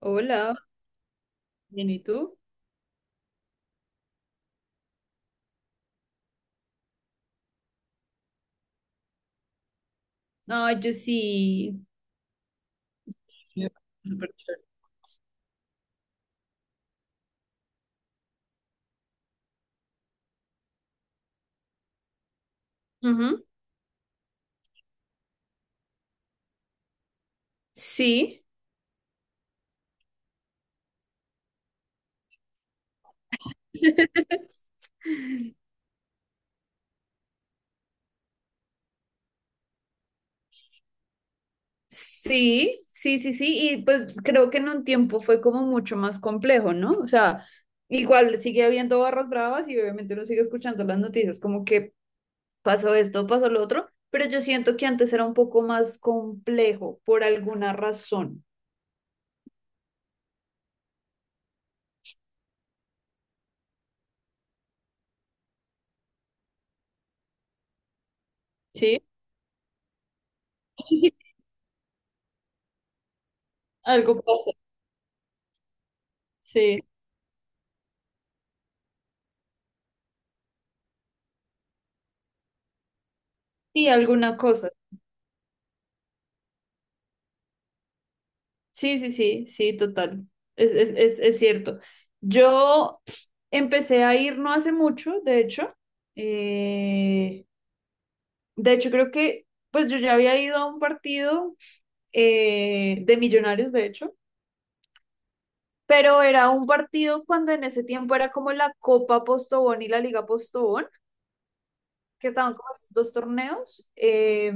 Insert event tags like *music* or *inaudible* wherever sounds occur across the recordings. Hola, bien, ¿y tú? No, yo sí. Sí, súper chévere. Ujú, sí. *laughs* Sí, sí, sí, sí. Y pues creo que en un tiempo fue como mucho más complejo, ¿no? O sea, igual sigue habiendo barras bravas y obviamente uno sigue escuchando las noticias como que pasó esto, pasó lo otro, pero yo siento que antes era un poco más complejo por alguna razón, ¿sí? *laughs* Algo pasa, sí. Y alguna cosa. Sí, sí, sí, sí, total. Es cierto. Yo empecé a ir no hace mucho, de hecho. Eh, de hecho, creo que, pues yo ya había ido a un partido de Millonarios, de hecho, pero era un partido cuando en ese tiempo era como la Copa Postobón y la Liga Postobón, que estaban como esos dos torneos. eh,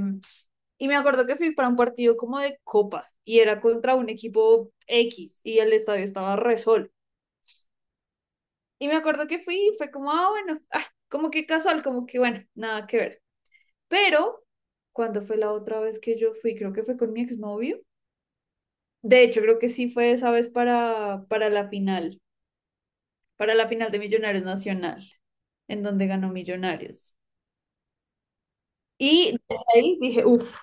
y me acuerdo que fui para un partido como de Copa y era contra un equipo X y el estadio estaba. Re Y me acuerdo que fui y fue como, ah, bueno, ah, como que casual, como que bueno, nada que ver. Pero cuando fue la otra vez que yo fui, creo que fue con mi exnovio. De hecho, creo que sí fue esa vez para, para la final de Millonarios Nacional, en donde ganó Millonarios. Y desde ahí dije, uff,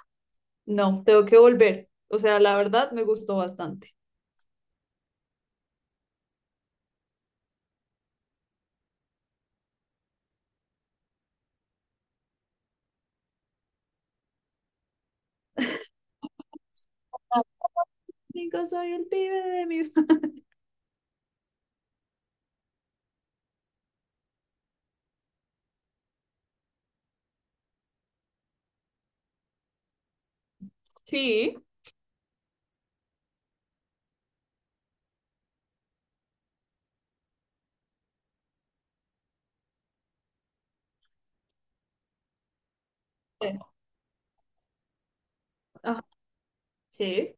no, tengo que volver. O sea, la verdad me gustó bastante. Digo, soy el pibe de mi. *laughs* Sí. Ajá, sí.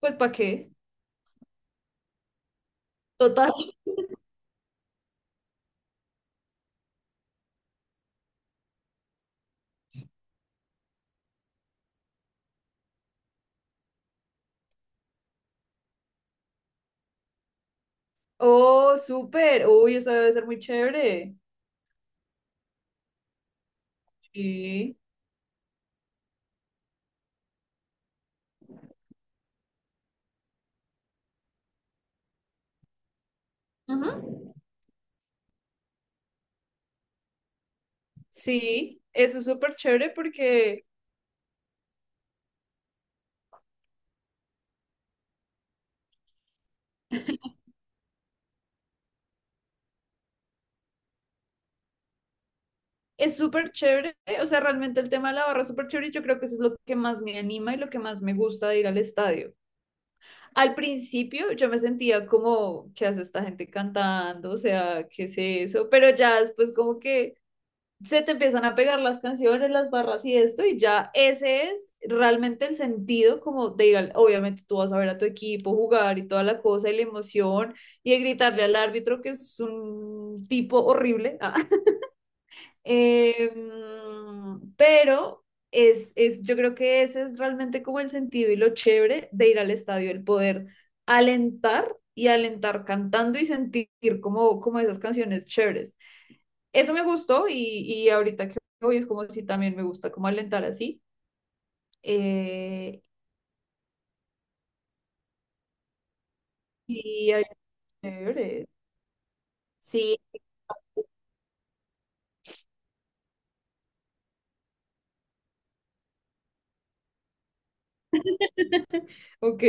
Pues, ¿para qué? Total. Oh, súper. Uy, eso debe ser muy chévere. Sí. Ujú. Sí, eso es súper chévere porque es súper chévere, o sea, realmente el tema de la barra es súper chévere y yo creo que eso es lo que más me anima y lo que más me gusta de ir al estadio. Al principio yo me sentía como, ¿qué hace esta gente cantando? O sea, ¿qué es eso? Pero ya después como que se te empiezan a pegar las canciones, las barras y esto, y ya ese es realmente el sentido como de ir al, obviamente tú vas a ver a tu equipo jugar y toda la cosa y la emoción y de gritarle al árbitro que es un tipo horrible, ah, *laughs* eh, pero yo creo que ese es realmente como el sentido y lo chévere de ir al estadio, el poder alentar y alentar cantando y sentir como esas canciones chéveres eso me gustó y ahorita que voy es como si también me gusta como alentar así. Eh, y ay, chévere. Sí, *laughs* ok.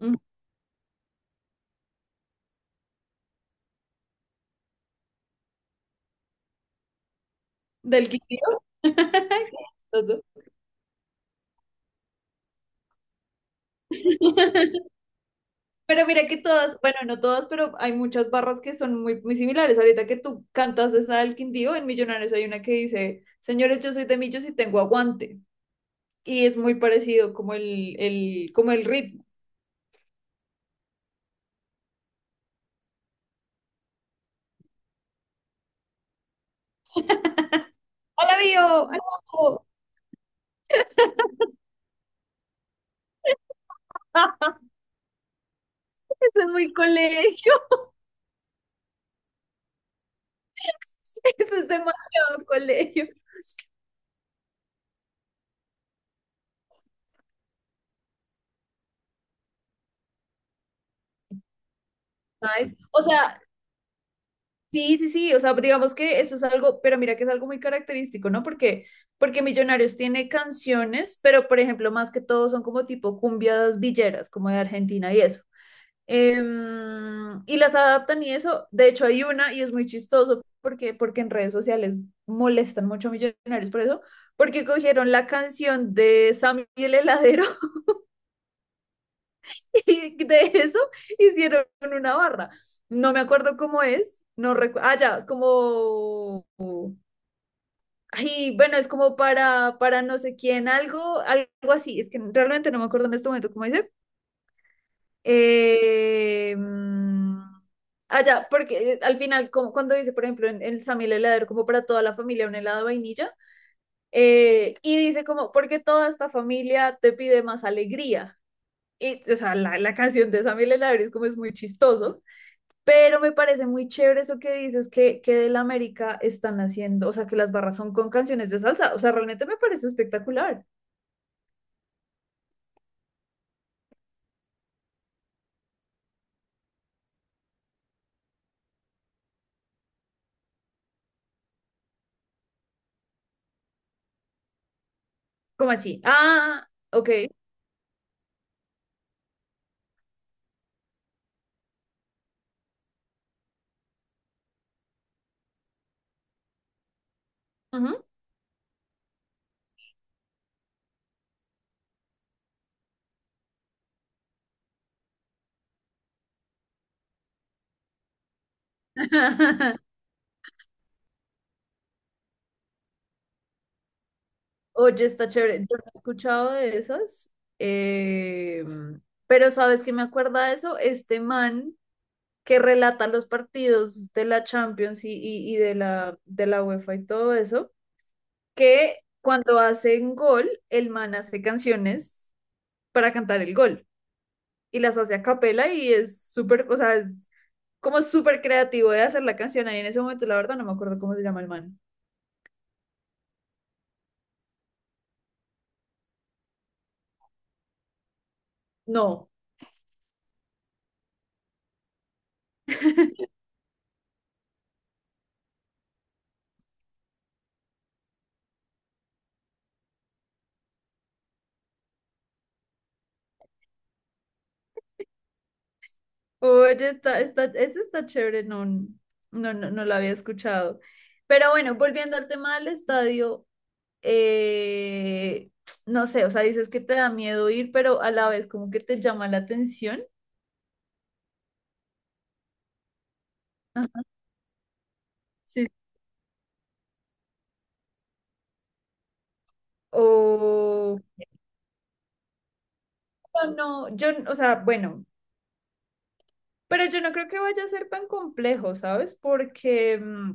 Mm. Del Quindío. *laughs* Qué chistoso. Pero mira que todas, bueno, no todas, pero hay muchas barras que son muy, muy similares. Ahorita que tú cantas esa del Quindío, en Millonarios hay una que dice, señores, yo soy de Millos y tengo aguante. Y es muy parecido como como el ritmo. ¡Hola, Bio! ¡Aló! *laughs* Eso es muy colegio, *laughs* eso es demasiado colegio. Nice. O sea, sí, sí, sí, o sea, digamos que eso es algo, pero mira que es algo muy característico, ¿no? Porque Millonarios tiene canciones, pero por ejemplo, más que todo son como tipo cumbias villeras, como de Argentina y eso. Y las adaptan y eso, de hecho hay una y es muy chistoso porque, en redes sociales molestan mucho a Millonarios por eso, porque cogieron la canción de Sammy el heladero. *laughs* Y de eso hicieron una barra. No me acuerdo cómo es, no recuerdo. Ah, ya, como. Ay, bueno, es como para, no sé quién, algo así. Es que realmente no me acuerdo en este momento cómo dice. Eh, mm, ah, ya, porque al final, como cuando dice, por ejemplo, en Sammy el heladero, como para toda la familia, un helado de vainilla, y dice como, porque toda esta familia te pide más alegría. Y, o sea, la canción de Sammy el heladero es como es muy chistoso. Pero me parece muy chévere eso que dices, que del América están haciendo, o sea, que las barras son con canciones de salsa, o sea, realmente me parece espectacular. ¿Cómo así? Ah, ok. Ujú. *laughs* Oye, está chévere. Yo no he escuchado de esas, eh, pero ¿sabes qué me acuerda de eso? Este man que relata los partidos de la Champions y de la UEFA y todo eso, que cuando hacen gol, el man hace canciones para cantar el gol. Y las hace a capela y es súper, o sea, es como súper creativo de hacer la canción ahí en ese momento, la verdad no me acuerdo cómo se llama el man. No. Oye, está, ese está chévere, no, no, no, no lo había escuchado. Pero bueno, volviendo al tema del estadio, eh, no sé, o sea, dices que te da miedo ir, pero a la vez como que te llama la atención. Ajá, sí. Sí. O no, no, yo, o sea, bueno, pero yo no creo que vaya a ser tan complejo, ¿sabes? Porque mm,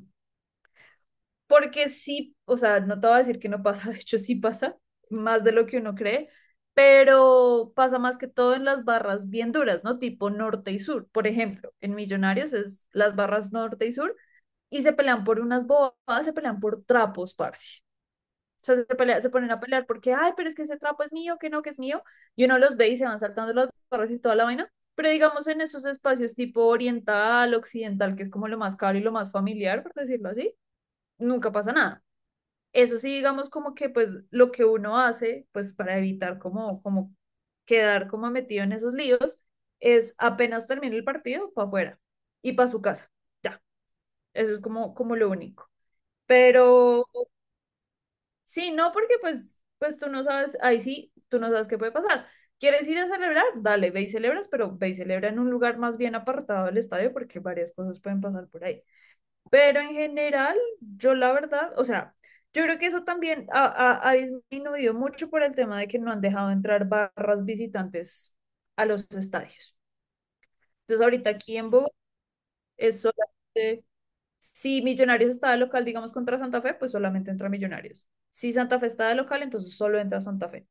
porque sí, o sea, no te voy a decir que no pasa, *laughs* de hecho sí pasa, más de lo que uno cree, pero pasa más que todo en las barras bien duras, ¿no? Tipo norte y sur, por ejemplo, en Millonarios es las barras norte y sur y se pelean por unas bobadas, se pelean por trapos, parce. O sea, se ponen a pelear porque, ay, pero es que ese trapo es mío, que no, que es mío. Y uno los ve y se van saltando las barras y toda la vaina. Pero digamos en esos espacios tipo oriental, occidental, que es como lo más caro y lo más familiar, por decirlo así, nunca pasa nada. Eso sí, digamos como que pues lo que uno hace, pues para evitar como quedar como metido en esos líos, es apenas termina el partido, para afuera y para su casa. Ya, eso es como lo único. Pero sí, no, porque pues, tú no sabes, ahí sí, tú no sabes qué puede pasar. ¿Quieres ir a celebrar? Dale, ve y celebras, pero ve y celebra en un lugar más bien apartado del estadio porque varias cosas pueden pasar por ahí. Pero en general, yo la verdad, o sea, yo creo que eso también ha disminuido mucho por el tema de que no han dejado entrar barras visitantes a los estadios. Entonces, ahorita aquí en Bogotá es solamente, si Millonarios está de local, digamos, contra Santa Fe, pues solamente entra Millonarios. Si Santa Fe está de local, entonces solo entra Santa Fe.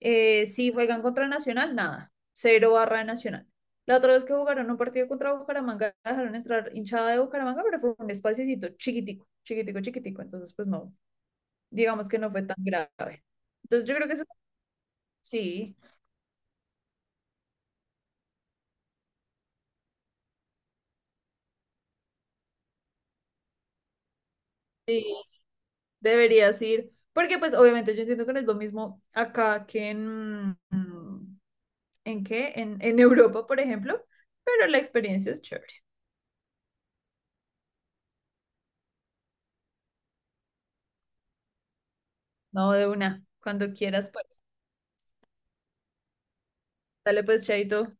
Si juegan contra Nacional, nada. Cero barra de Nacional. La otra vez que jugaron un partido contra Bucaramanga, dejaron entrar hinchada de Bucaramanga, pero fue un espaciocito chiquitico, chiquitico, chiquitico. Entonces, pues no, digamos que no fue tan grave. Entonces, yo creo que eso sí, sí, deberías ir. Porque, pues, obviamente, yo entiendo que no es lo mismo acá que en. ¿En qué? En Europa, por ejemplo. Pero la experiencia es chévere. No, de una, cuando quieras, pues. Dale, pues, Chaito.